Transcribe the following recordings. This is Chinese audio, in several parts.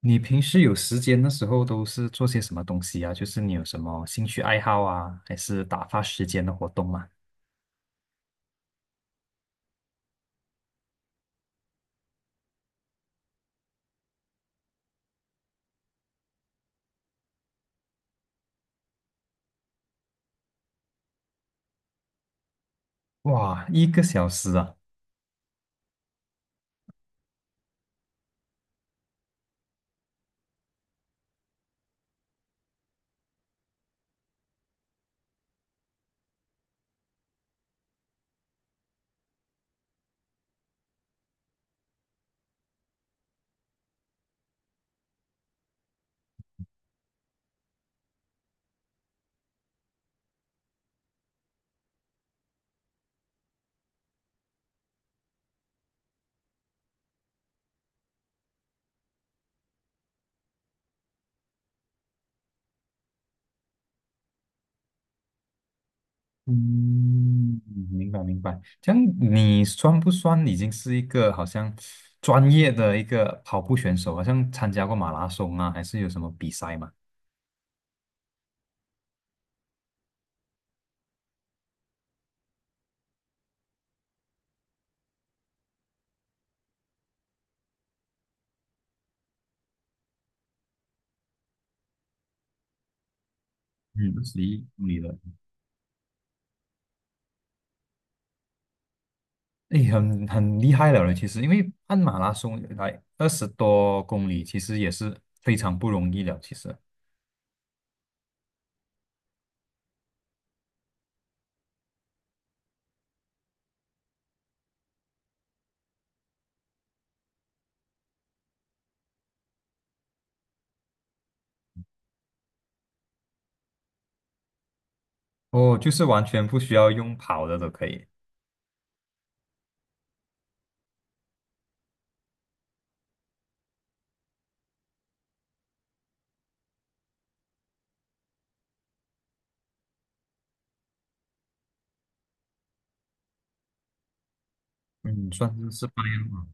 你平时有时间的时候都是做些什么东西啊？就是你有什么兴趣爱好啊，还是打发时间的活动吗？哇，一个小时啊！嗯，明白明白。这样你算不算已经是一个好像专业的一个跑步选手？好像参加过马拉松啊，还是有什么比赛吗？嗯，21公里的，诶，很厉害了嘞，其实因为按马拉松来20多公里，其实也是非常不容易了，其实。哦，就是完全不需要用跑的都可以。嗯，算是半样嘛。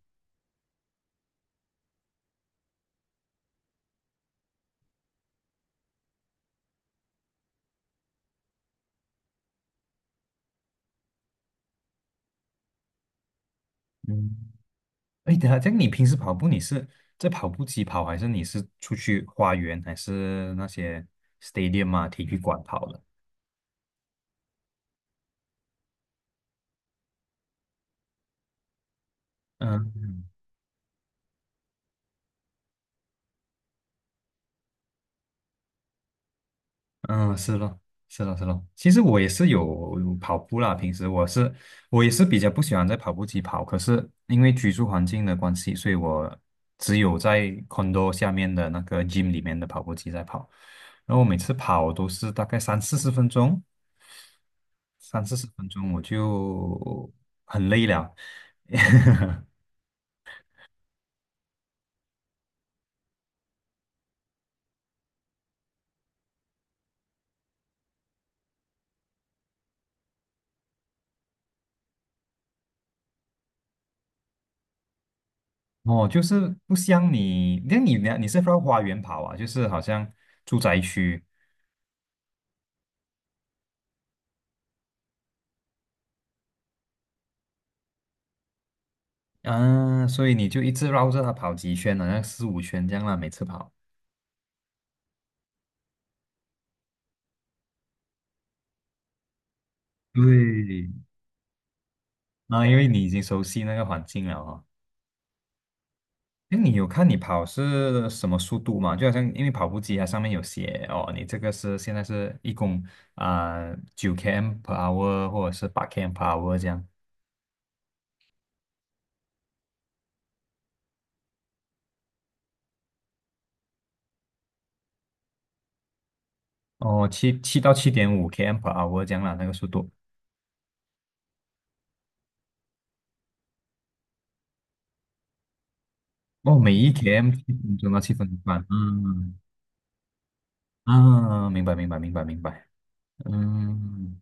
嗯，哎，等一下，这样你平时跑步你是在跑步机跑，还是你是出去花园，还是那些 stadium 啊体育馆跑的？嗯嗯，是咯，是咯，是咯。其实我也是有跑步啦，平时我也是比较不喜欢在跑步机跑，可是因为居住环境的关系，所以我只有在 condo 下面的那个 gym 里面的跑步机在跑。然后我每次跑都是大概三四十分钟，三四十分钟我就很累了。哦，就是不像你，那你呢？你是绕花园跑啊？就是好像住宅区。啊，所以你就一直绕着它跑几圈，好像四五圈这样啦，每次跑。对，啊，因为你已经熟悉那个环境了哦。哎，你有看你跑是什么速度吗？就好像因为跑步机它上面有写哦，你这个是现在是一共啊9 km per hour 或者是8 km per hour 这样。哦，七到7.5 km per hour 这样啦，那个速度。哦，每一 km 7分钟到7分半。嗯，啊，明白明白明白明白。嗯。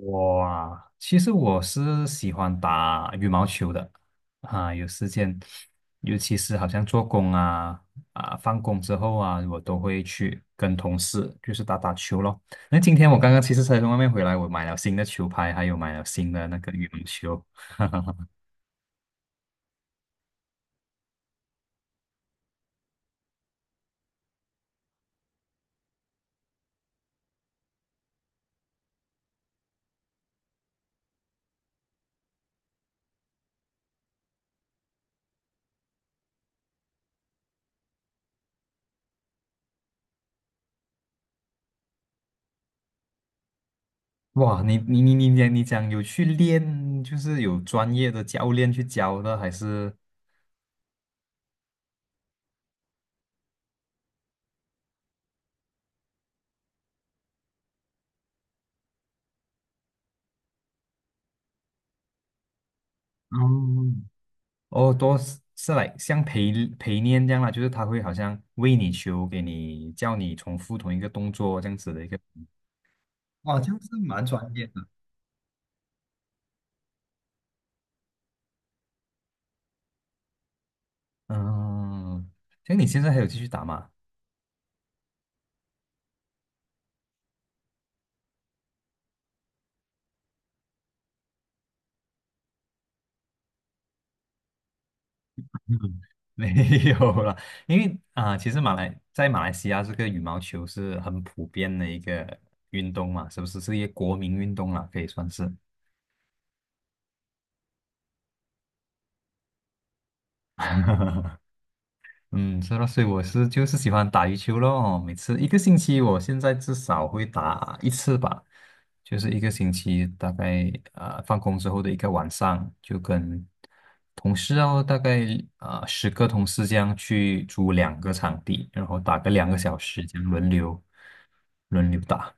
我啊，其实我是喜欢打羽毛球的啊，有时间，尤其是好像做工啊，放工之后啊，我都会去跟同事就是打打球咯。那今天我刚刚其实才从外面回来，我买了新的球拍，还有买了新的那个羽毛球。哇，你讲有去练，就是有专业的教练去教的，还是？哦，哦，多是来像陪练这样啦，就是他会好像为你球，给你叫你重复同一个动作这样子的一个。哇，这样是蛮专业的。嗯，像你现在还有继续打吗？嗯 没有了，因为啊、其实在马来西亚这个羽毛球是很普遍的一个运动嘛，是不是是一个国民运动啦，可以算是。嗯，是咯，所以我是就是喜欢打羽球咯。哦每次一个星期，我现在至少会打一次吧，就是一个星期大概放工之后的一个晚上，就跟同事哦，大概10个同事这样去租两个场地，然后打个两个小时，这样轮流打。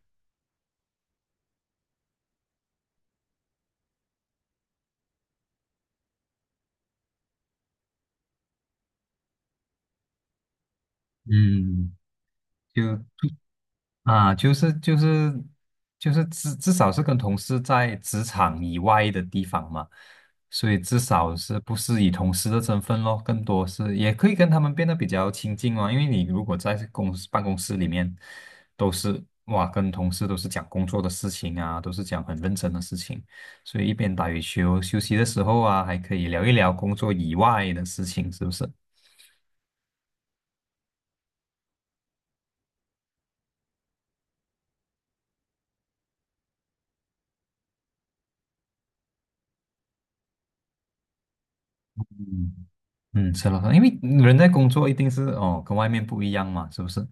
嗯，就啊，就是至少是跟同事在职场以外的地方嘛，所以至少是不是以同事的身份咯，更多是也可以跟他们变得比较亲近哦。因为你如果在公司办公室里面，都是哇跟同事都是讲工作的事情啊，都是讲很认真的事情，所以一边打羽球休息的时候啊，还可以聊一聊工作以外的事情，是不是？嗯。嗯，是了，因为人在工作一定是哦，跟外面不一样嘛，是不是？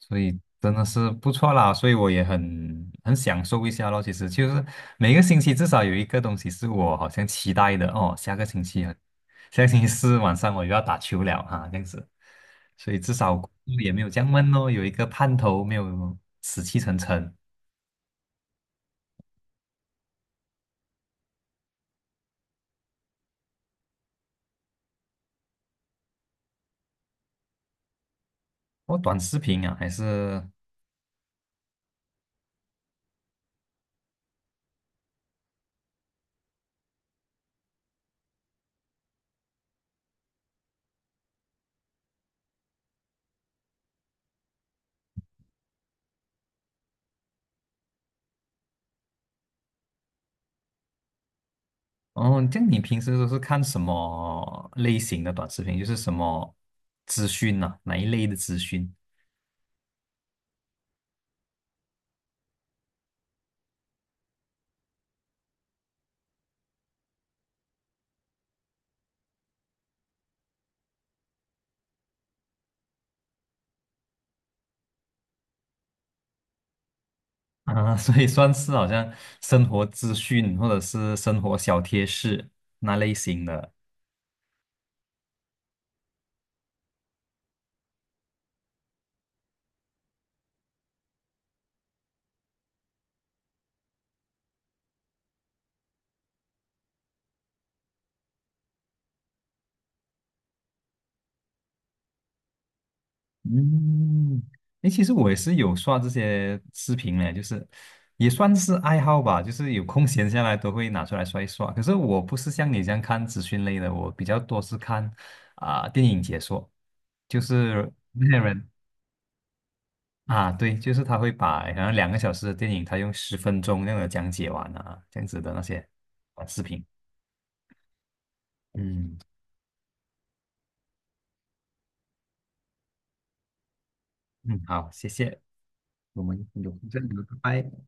所以真的是不错啦，所以我也很享受一下咯。其实就是每个星期至少有一个东西是我好像期待的哦，下个星期啊，下个星期四晚上我又要打球了哈，这样子。所以至少工作也没有这样闷咯，有一个盼头，没有死气沉沉。我短视频啊，还是哦，这样你平时都是看什么类型的短视频？就是什么资讯呐、哪一类的资讯啊？所以算是好像生活资讯或者是生活小贴士那类型的。嗯，诶，其实我也是有刷这些视频嘞，就是也算是爱好吧，就是有空闲下来都会拿出来刷一刷。可是我不是像你这样看资讯类的，我比较多是看啊、电影解说，就是那些人。啊，对，就是他会把好像两个小时的电影，他用十分钟那样的讲解完啊，这样子的那些短视频。嗯嗯，好，谢谢，我们有空再聊，拜拜。